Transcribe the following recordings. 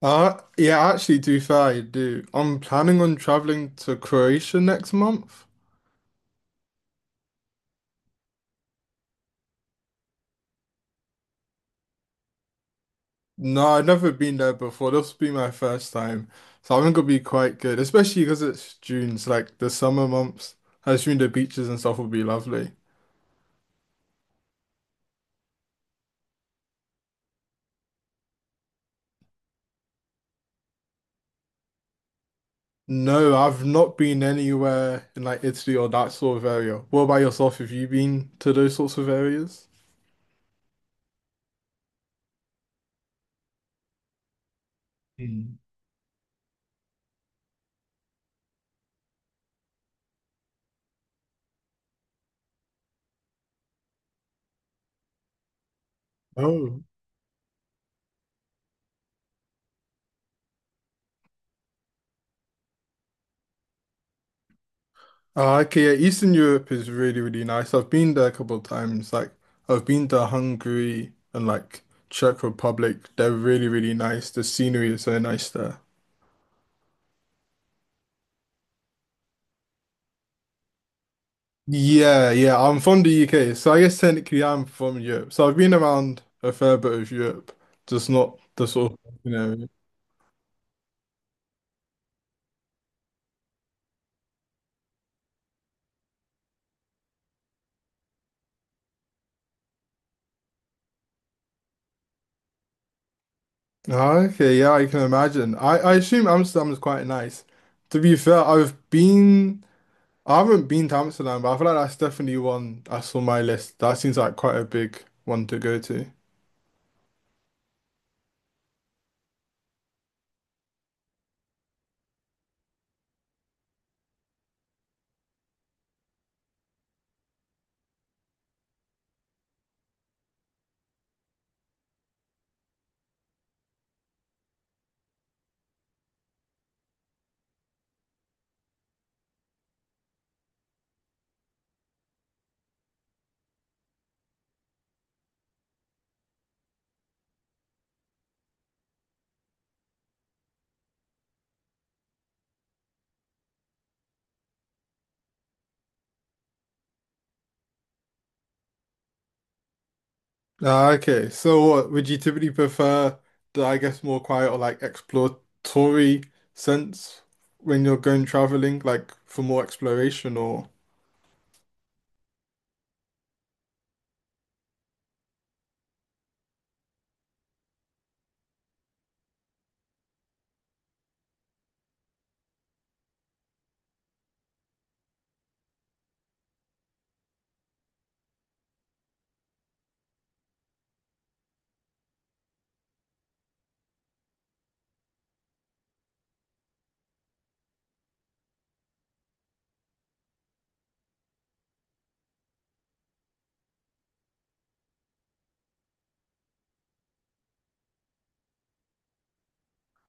Yeah, actually, to be fair, I do. I'm planning on traveling to Croatia next month. No, I've never been there before. This will be my first time. So I think it'll be quite good, especially because it's June, so like the summer months. I assume the beaches and stuff will be lovely. No, I've not been anywhere in like Italy or that sort of area. What about yourself? Have you been to those sorts of areas? Mm. Ah, okay, yeah, Eastern Europe is really, really nice. I've been there a couple of times. Like, I've been to Hungary and like Czech Republic. They're really, really nice. The scenery is so nice there. Yeah, yeah, I'm from the UK, so I guess technically I'm from Europe. So I've been around a fair bit of Europe, just not the sort of, Ah, okay, yeah, I can imagine. I assume Amsterdam is quite nice. To be fair, I've been. I haven't been to Amsterdam, but I feel like that's definitely one that's on my list. That seems like quite a big one to go to. Ah, okay, so what would you typically prefer the, I guess, more quiet or like exploratory sense when you're going traveling, like for more exploration or?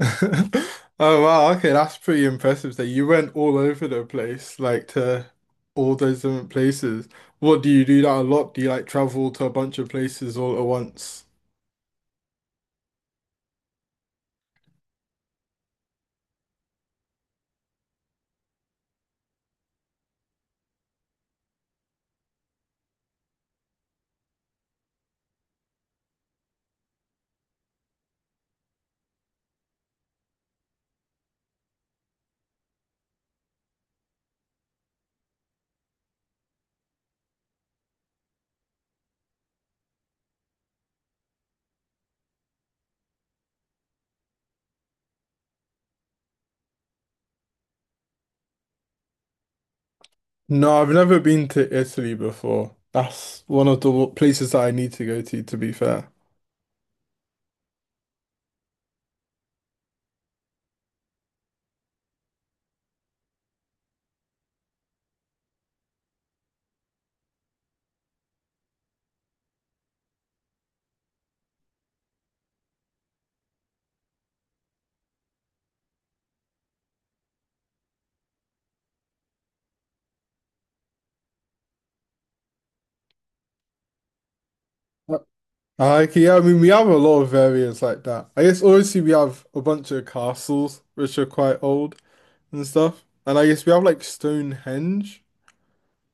Oh wow, okay, that's pretty impressive that you went all over the place, like to all those different places. What do you do that a lot? Do you like travel to a bunch of places all at once? No, I've never been to Italy before. That's one of the places that I need to go to be fair. Uh, Okay, yeah, I mean, we have a lot of areas like that. I guess obviously we have a bunch of castles, which are quite old and stuff. And I guess we have like Stonehenge,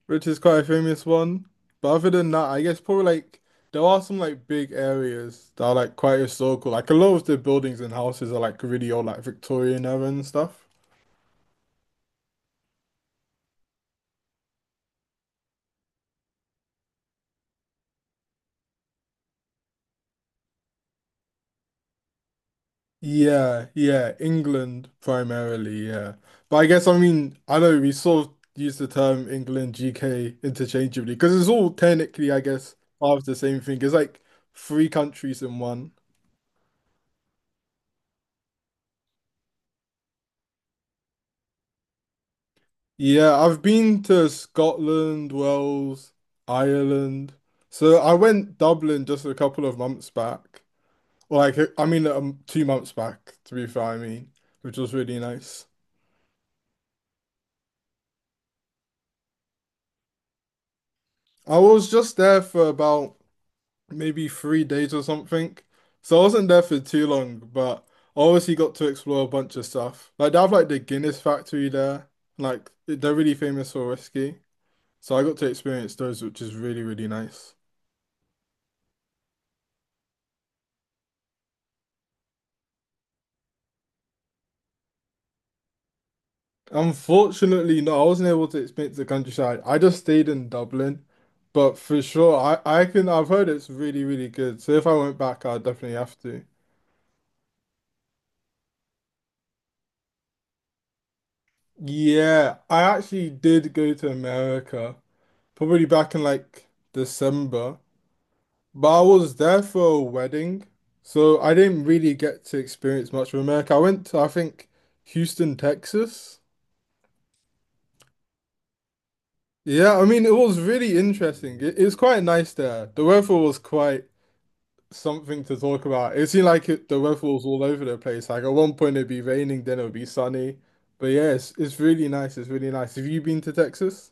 which is quite a famous one. But other than that, I guess probably like there are some like big areas that are like quite historical. Like a lot of the buildings and houses are like really old, like Victorian era and stuff. Yeah, yeah, England primarily, yeah. But I guess I mean I know we sort of use the term England GK interchangeably because it's all technically I guess part of the same thing. It's like three countries in one. Yeah, I've been to Scotland, Wales, Ireland. So I went Dublin just a couple of months back. Or like I mean 2 months back to be fair, I mean, which was really nice. I was just there for about maybe 3 days or something. So I wasn't there for too long, but I obviously got to explore a bunch of stuff. Like they have like the Guinness factory there. Like they're really famous for whiskey. So I got to experience those, which is really, really nice. Unfortunately, no, I wasn't able to experience the countryside. I just stayed in Dublin. But for sure, I've heard it's really, really good. So if I went back, I'd definitely have to. Yeah, I actually did go to America, probably back in like December. But I was there for a wedding, so I didn't really get to experience much of America. I went to, I think, Houston, Texas. Yeah, I mean, it was really interesting. It was quite nice there. The weather was quite something to talk about. It seemed like the weather was all over the place. Like at one point it'd be raining, then it would be sunny. But yeah, it's really nice. It's really nice. Have you been to Texas?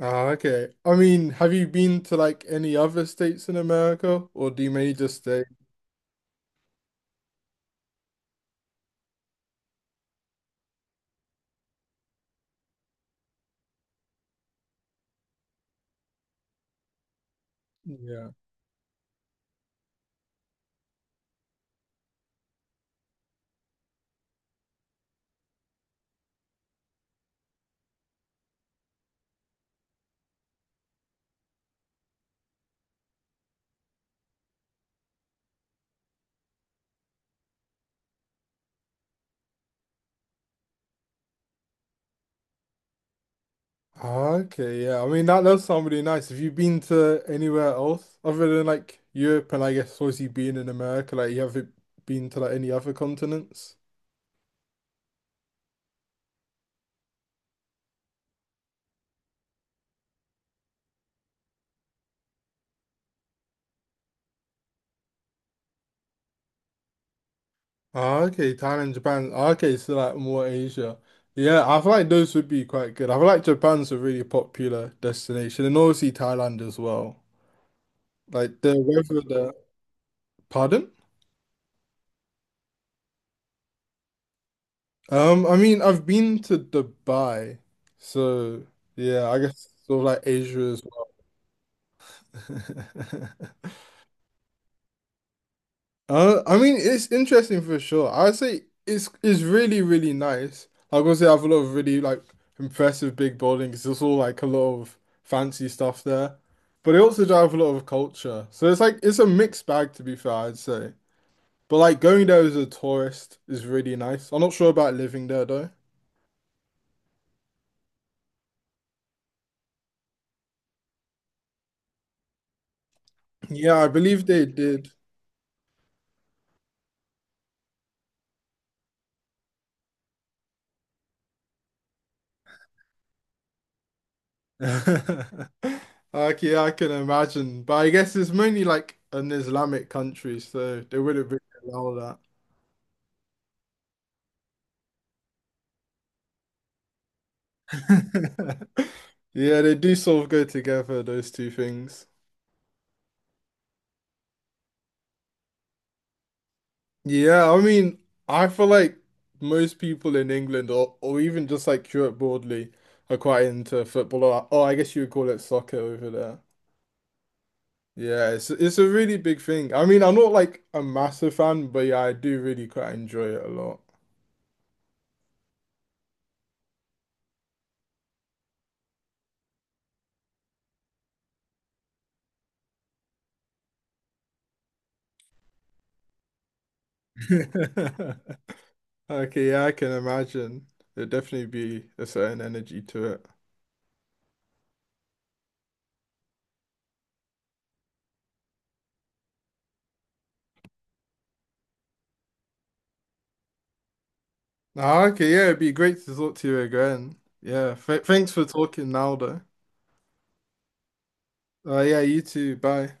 Ah, okay. I mean, have you been to like any other states in America, or do you mainly just stay? Yeah. Okay, yeah. I mean that does sound really nice. Have you been to anywhere else other than like Europe and I guess obviously being in America, like you haven't been to like any other continents? Ah, okay, Thailand, Japan. Ah, Okay, so like more Asia. Yeah, I feel like those would be quite good. I feel like Japan's a really popular destination and obviously Thailand as well. Like the weather there. Pardon? I mean I've been to Dubai, so yeah, I guess sort of like Asia as well. I mean, it's interesting for sure. I'd say it's really really nice. Like obviously, I have a lot of really like impressive big buildings. It's all like a lot of fancy stuff there, but it also drives a lot of culture. So it's like it's a mixed bag to be fair, I'd say. But like going there as a tourist is really nice. I'm not sure about living there though. Yeah, I believe they did. Like yeah, I can imagine. But I guess it's mainly like an Islamic country, so they wouldn't really allow that. Yeah, they do sort of go together, those two things. Yeah, I mean, I feel like most people in England or even just like Europe broadly are quite into football or I guess you would call it soccer over there. Yeah, it's a really big thing. I mean, I'm not like a massive fan, but yeah, I do really quite enjoy it a lot. Okay, yeah, I can imagine. There'd definitely be a certain energy to it. Ah, okay, yeah, it'd be great to talk to you again. Yeah, th thanks for talking now, though. Yeah, you too. Bye.